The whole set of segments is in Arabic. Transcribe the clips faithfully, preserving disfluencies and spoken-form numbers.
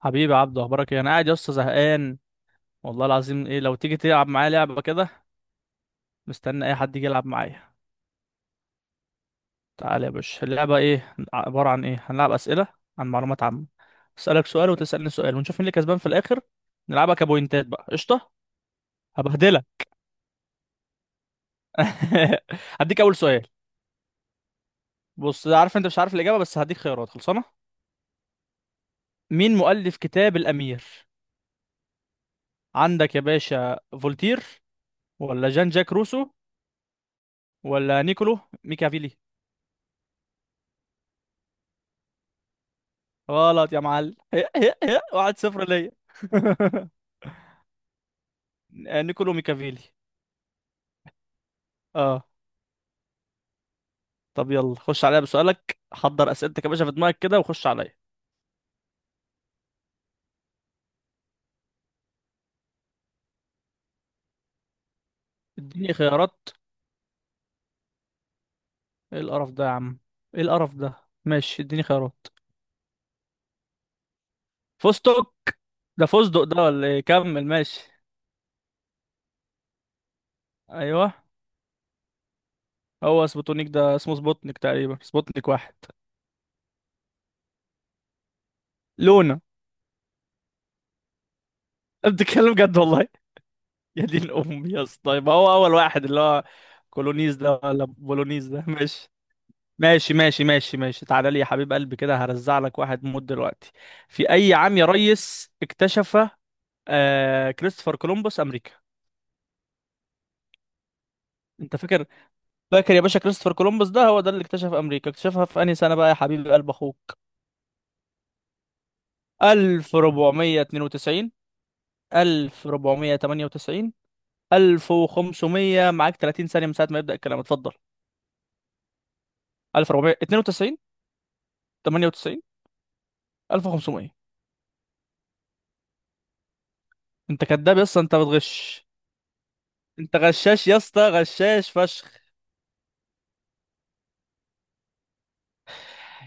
حبيبي يا عبدو، اخبارك ايه؟ انا قاعد يا اسطى زهقان والله العظيم. ايه لو تيجي تلعب معايا لعبه كده؟ مستني اي حد يجي يلعب معايا. تعال يا باشا. اللعبه ايه؟ عباره عن ايه؟ هنلعب اسئله عن معلومات عامه. اسالك سؤال وتسالني سؤال ونشوف مين اللي كسبان في الاخر. نلعبها كبوينتات بقى. قشطه. هبهدلك. هديك اول سؤال. بص، عارف انت مش عارف الاجابه بس هديك خيارات خلصانه. مين مؤلف كتاب الامير؟ عندك يا باشا فولتير، ولا جان جاك روسو، ولا نيكولو ميكافيلي؟ غلط يا معلم. واحد صفر ليا. نيكولو ميكافيلي. اه. طب يلا خش عليا بسؤالك. حضر اسئلتك يا باشا في دماغك كده وخش عليا. اديني خيارات. ايه القرف ده يا عم؟ ايه القرف ده؟ ماشي اديني خيارات. فستق؟ ده فستق ده ولا ايه؟ كمل ماشي. ايوه. هو سبوتونيك ده اسمه سبوتنيك تقريبا، سبوتنيك واحد. لونا. أنت بتتكلم جد والله. يا دين امي يا اسطى، يبقى هو اول واحد اللي هو كولونيز ده ولا بولونيز ده؟ ماشي ماشي ماشي ماشي ماشي تعالى لي يا حبيب قلبي كده، هرزع لك واحد موت دلوقتي. في اي عام يا ريس اكتشف آه كريستوفر كولومبوس امريكا؟ انت فاكر؟ فاكر يا باشا كريستوفر كولومبوس ده هو ده اللي اكتشف امريكا؟ اكتشفها في انهي سنة بقى يا حبيب قلب اخوك؟ ألف وأربعمية واتنين وتسعين، ألف وأربعمية وتمنية وتسعين، ألف وخمسمية. معاك 30 ثانية من ساعة ما يبدأ الكلام. اتفضل. ألف وأربعمية واتنين وتسعين، تمنية وتسعين، ألف وخمسمية. انت كداب يا اسطى، انت بتغش. انت غشاش يا اسطى، غشاش فشخ.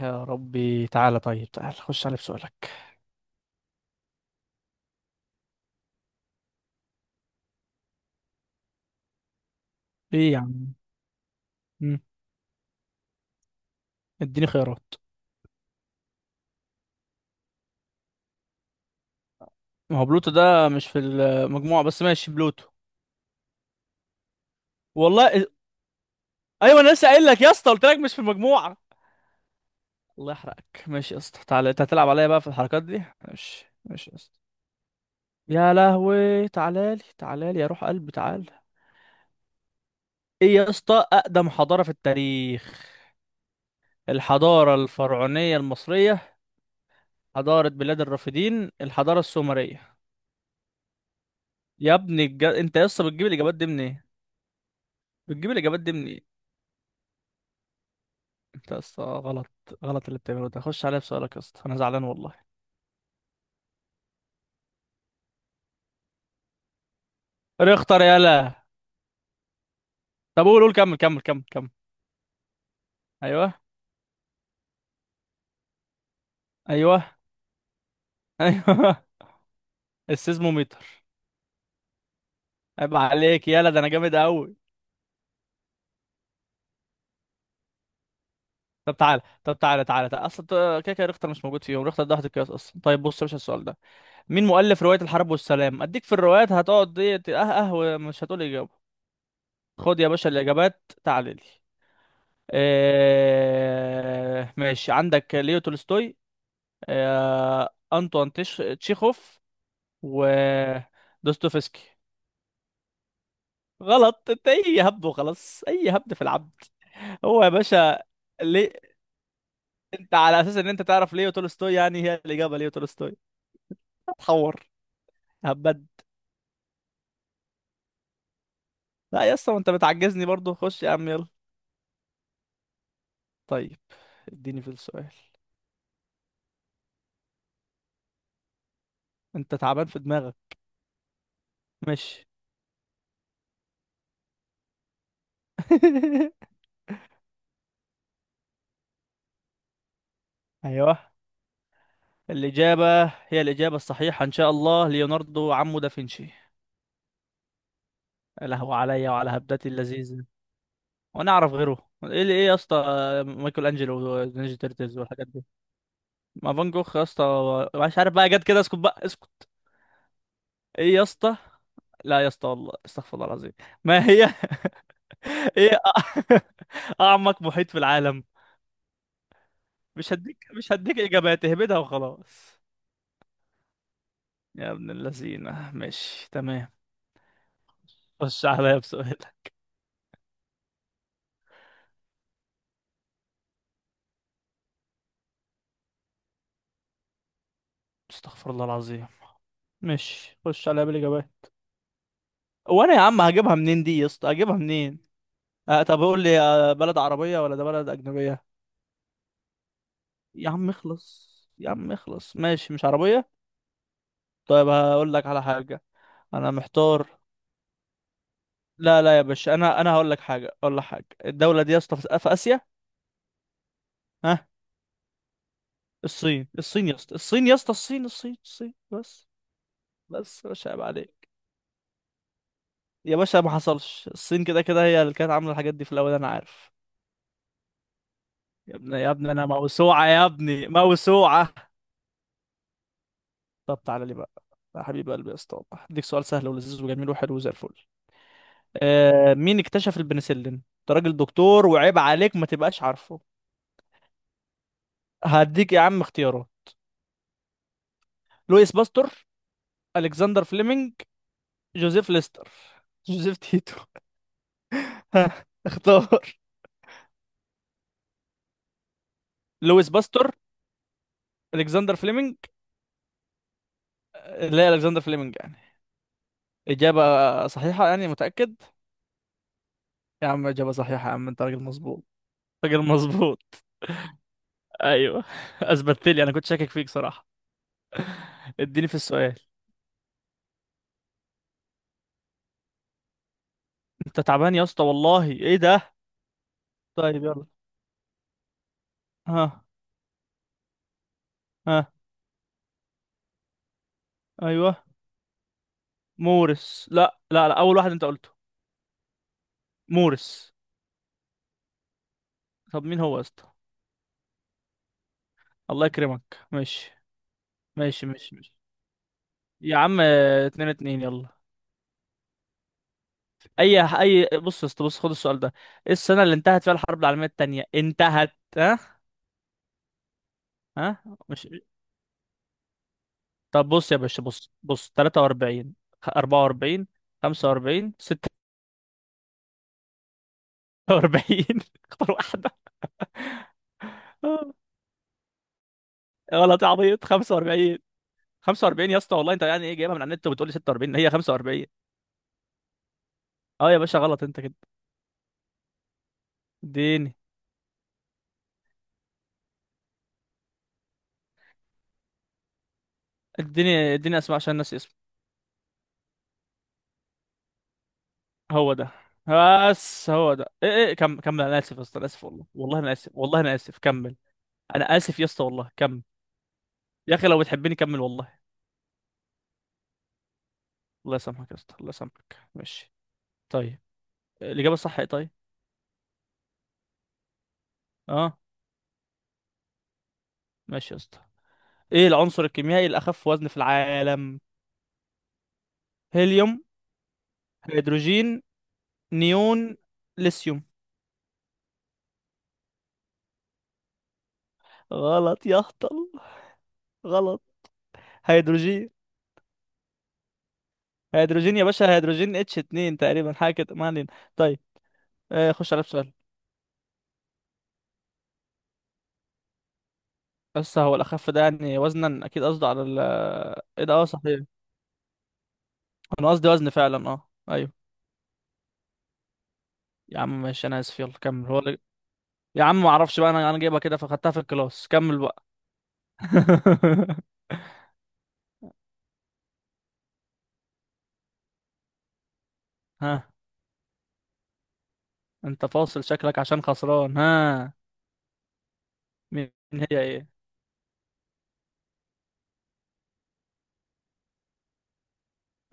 يا ربي. تعالى طيب، تعالى خش على بسؤالك. ايه يا عم؟ مم. اديني خيارات. ما هو بلوتو ده مش في المجموعة، بس ماشي بلوتو. والله إز- ايوه، انا لسه قايل لك يا اسطى، قلت لك مش في المجموعة. الله يحرقك. ماشي يا اسطى، تعالى. انت هتلعب عليا بقى في الحركات دي؟ ماشي ماشي يا اسطى. يا لهوي. تعالى لي، تعالى لي يا روح قلبي، تعالى. ايه يا اسطى اقدم حضارة في التاريخ؟ الحضارة الفرعونية المصرية. حضارة بلاد الرافدين، الحضارة السومرية. يا ابني الج... انت يا اسطى بتجيب الاجابات دي منين؟ بتجيب الاجابات دي منين؟ انت يا اسطى غلط. غلط اللي بتعمله ده. خش عليا بسؤالك يا اسطى، انا زعلان والله. اختار يلا. طب قول، قول، كمل كمل كمل كمل ايوه. ايوه. ايوه. السيزموميتر. عيب عليك، يلا ده انا جامد قوي. طب تعالى، طب تعالى تعالى تعالى اصلا، ت- كده كده ريختر مش موجود فيهم. ريختر ده واحد القياس اصلا. طيب بص يا باشا السؤال ده: مين مؤلف رواية الحرب والسلام؟ اديك في الروايات هتقعد دي ت- اه اه ومش هتقول اجابة. خد يا باشا الاجابات، تعالى لي. آه... ماشي، عندك ليو تولستوي، آه، أنطوان تيش... تشيخوف، ودوستويفسكي. غلط. انت اي هبد وخلاص، اي هبد في العبد. هو يا باشا، ليه؟ انت على اساس ان انت تعرف ليه تولستوي؟ يعني هي الاجابه ليه تولستوي؟ هتحور. هبد. لا يا اسطى، ما انت بتعجزني برضو. خش يا عم يلا. طيب اديني في السؤال. انت تعبان في دماغك. ماشي. ايوه. الاجابه هي الاجابه الصحيحه ان شاء الله ليوناردو عمو دافنشي. له علي وعلى هبدتي اللذيذه. وانا اعرف غيره؟ ايه اللي ايه يا اسطى، آه، مايكل انجلو ونينجا تيرتلز والحاجات دي. ما فان جوخ يا اسطى. مش عارف بقى، جت كده. اسكت بقى اسكت. ايه يا اسطى؟ لا يا اسطى والله، استغفر الله العظيم. ما هي. ايه أ- اعمق محيط في العالم؟ مش هديك، مش هديك اجابات، اهبدها وخلاص. يا ابن اللذينه. ماشي تمام، خش عليا بسؤال. استغفر الله العظيم. ماشي خش عليا بالاجابات. وانا يا عم هجيبها منين دي؟ يا اسطى هجيبها منين؟ آه طب قول لي، آه، بلد عربية ولا ده بلد أجنبية؟ يا عم اخلص، يا عم اخلص. ماشي مش عربية. طيب هقول لك على حاجة. أنا محتار. لا لا يا باشا، أنا أنا هقول لك حاجة، أقول لك حاجة. الدولة دي يا اسطى في في آسيا. ها، الصين، الصين يا اسطى، الصين يا اسطى، الصين الصين الصين بس. بس يا باشا، عيب عليك يا باشا. ما حصلش الصين كده كده هي اللي كانت عاملة الحاجات دي في الأول، أنا عارف. يا ابني، يا ابني، أنا موسوعة يا ابني، موسوعة. طب تعالى لي بقى يا حبيب قلبي، يا اسطى والله. اديك سؤال سهل ولذيذ وجميل وحلو زي الفل. آه، مين اكتشف البنسلين؟ انت راجل دكتور، وعيب عليك ما تبقاش عارفه. هديك يا عم اختيارات. لويس باستور، الكسندر فليمنج، جوزيف ليستر، جوزيف تيتو. ها، اختار. لويس باستور، الكسندر فليمنج. لا، الكسندر فليمنج يعني؟ اجابه صحيحه يعني؟ متاكد؟ يا عم اجابه صحيحه؟ يا عم انت راجل مظبوط، راجل مظبوط. ايوه اثبتت لي، انا كنت شاكك فيك صراحه. اديني في السؤال. انت تعبان يا اسطى والله، ايه ده؟ طيب يلا. ها. ها. ايوه. مورس، لا لا لا، اول واحد انت قلته. مورس. طب مين هو يا اسطى؟ الله يكرمك. ماشي ماشي ماشي ماشي يا عم، آه، اتنين اتنين، يلا. اي اي بص يا اسطى، بص، خد السؤال ده. ايه السنه اللي انتهت فيها الحرب العالميه التانية؟ انتهت؟ ها. ها. مش. طب بص يا باشا، بص بص تلاتة وأربعين، أربعة وأربعين، خمسة وأربعين، ستة وأربعين. اختار واحده. آه، غلط يا عبيط، خمسة وأربعين. خمسة وأربعين يا اسطى والله. انت يعني ايه جايبها من على النت وبتقول لي ستة وأربعين؟ هي خمسة وأربعين. اه يا باشا، غلط انت كده. اديني. اديني اديني اسمع، عشان ناسي اسمه. هو ده. بس هو ده ايه؟ ايه كم كمل. انا اسف يا اسطى، انا اسف والله، والله انا اسف والله، انا اسف. كمل. انا اسف يا اسطى والله، كمل. يا اخي لو بتحبني كمل والله. الله يسامحك يا اسطى، الله يسامحك. ماشي. طيب الاجابه الصح ايه طيب؟ اه. ماشي يا اسطى. ايه العنصر الكيميائي الاخف وزن في العالم؟ هيليوم، هيدروجين، نيون، ليثيوم. غلط يا هطل. غلط. هيدروجين. هيدروجين يا باشا، هيدروجين، اتش اتنين تقريبا، حاجه كده. ما علينا. طيب، آه، خش على بسؤال. بس هو الأخف ده يعني وزنا، أكيد قصده على ال إيه ده. أه صحيح، أنا قصدي وزن فعلا، أه أيوه. يا عم ماشي، أنا آسف. يلا كمل، هو اللي- يا عم معرفش بقى، أنا أنا جايبها كده فخدتها في الكلاس. كمل بقى. ها. أنت فاصل شكلك، عشان خسران؟ ها. مين هي إيه؟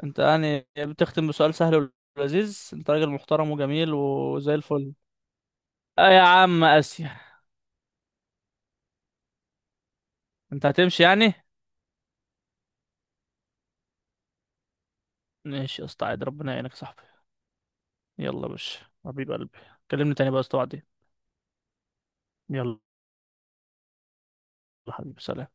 أنت يعني بتختم بسؤال سهل ولذيذ؟ أنت راجل محترم وجميل وزي الفل. آه يا عم، آسيا. أنت هتمشي يعني؟ ماشي يا اسطى، عادي. ربنا يعينك يا صاحبي. يلا يا باشا، حبيب قلبي. كلمني تاني بقى استوعب. يلا. حبيبي، سلام.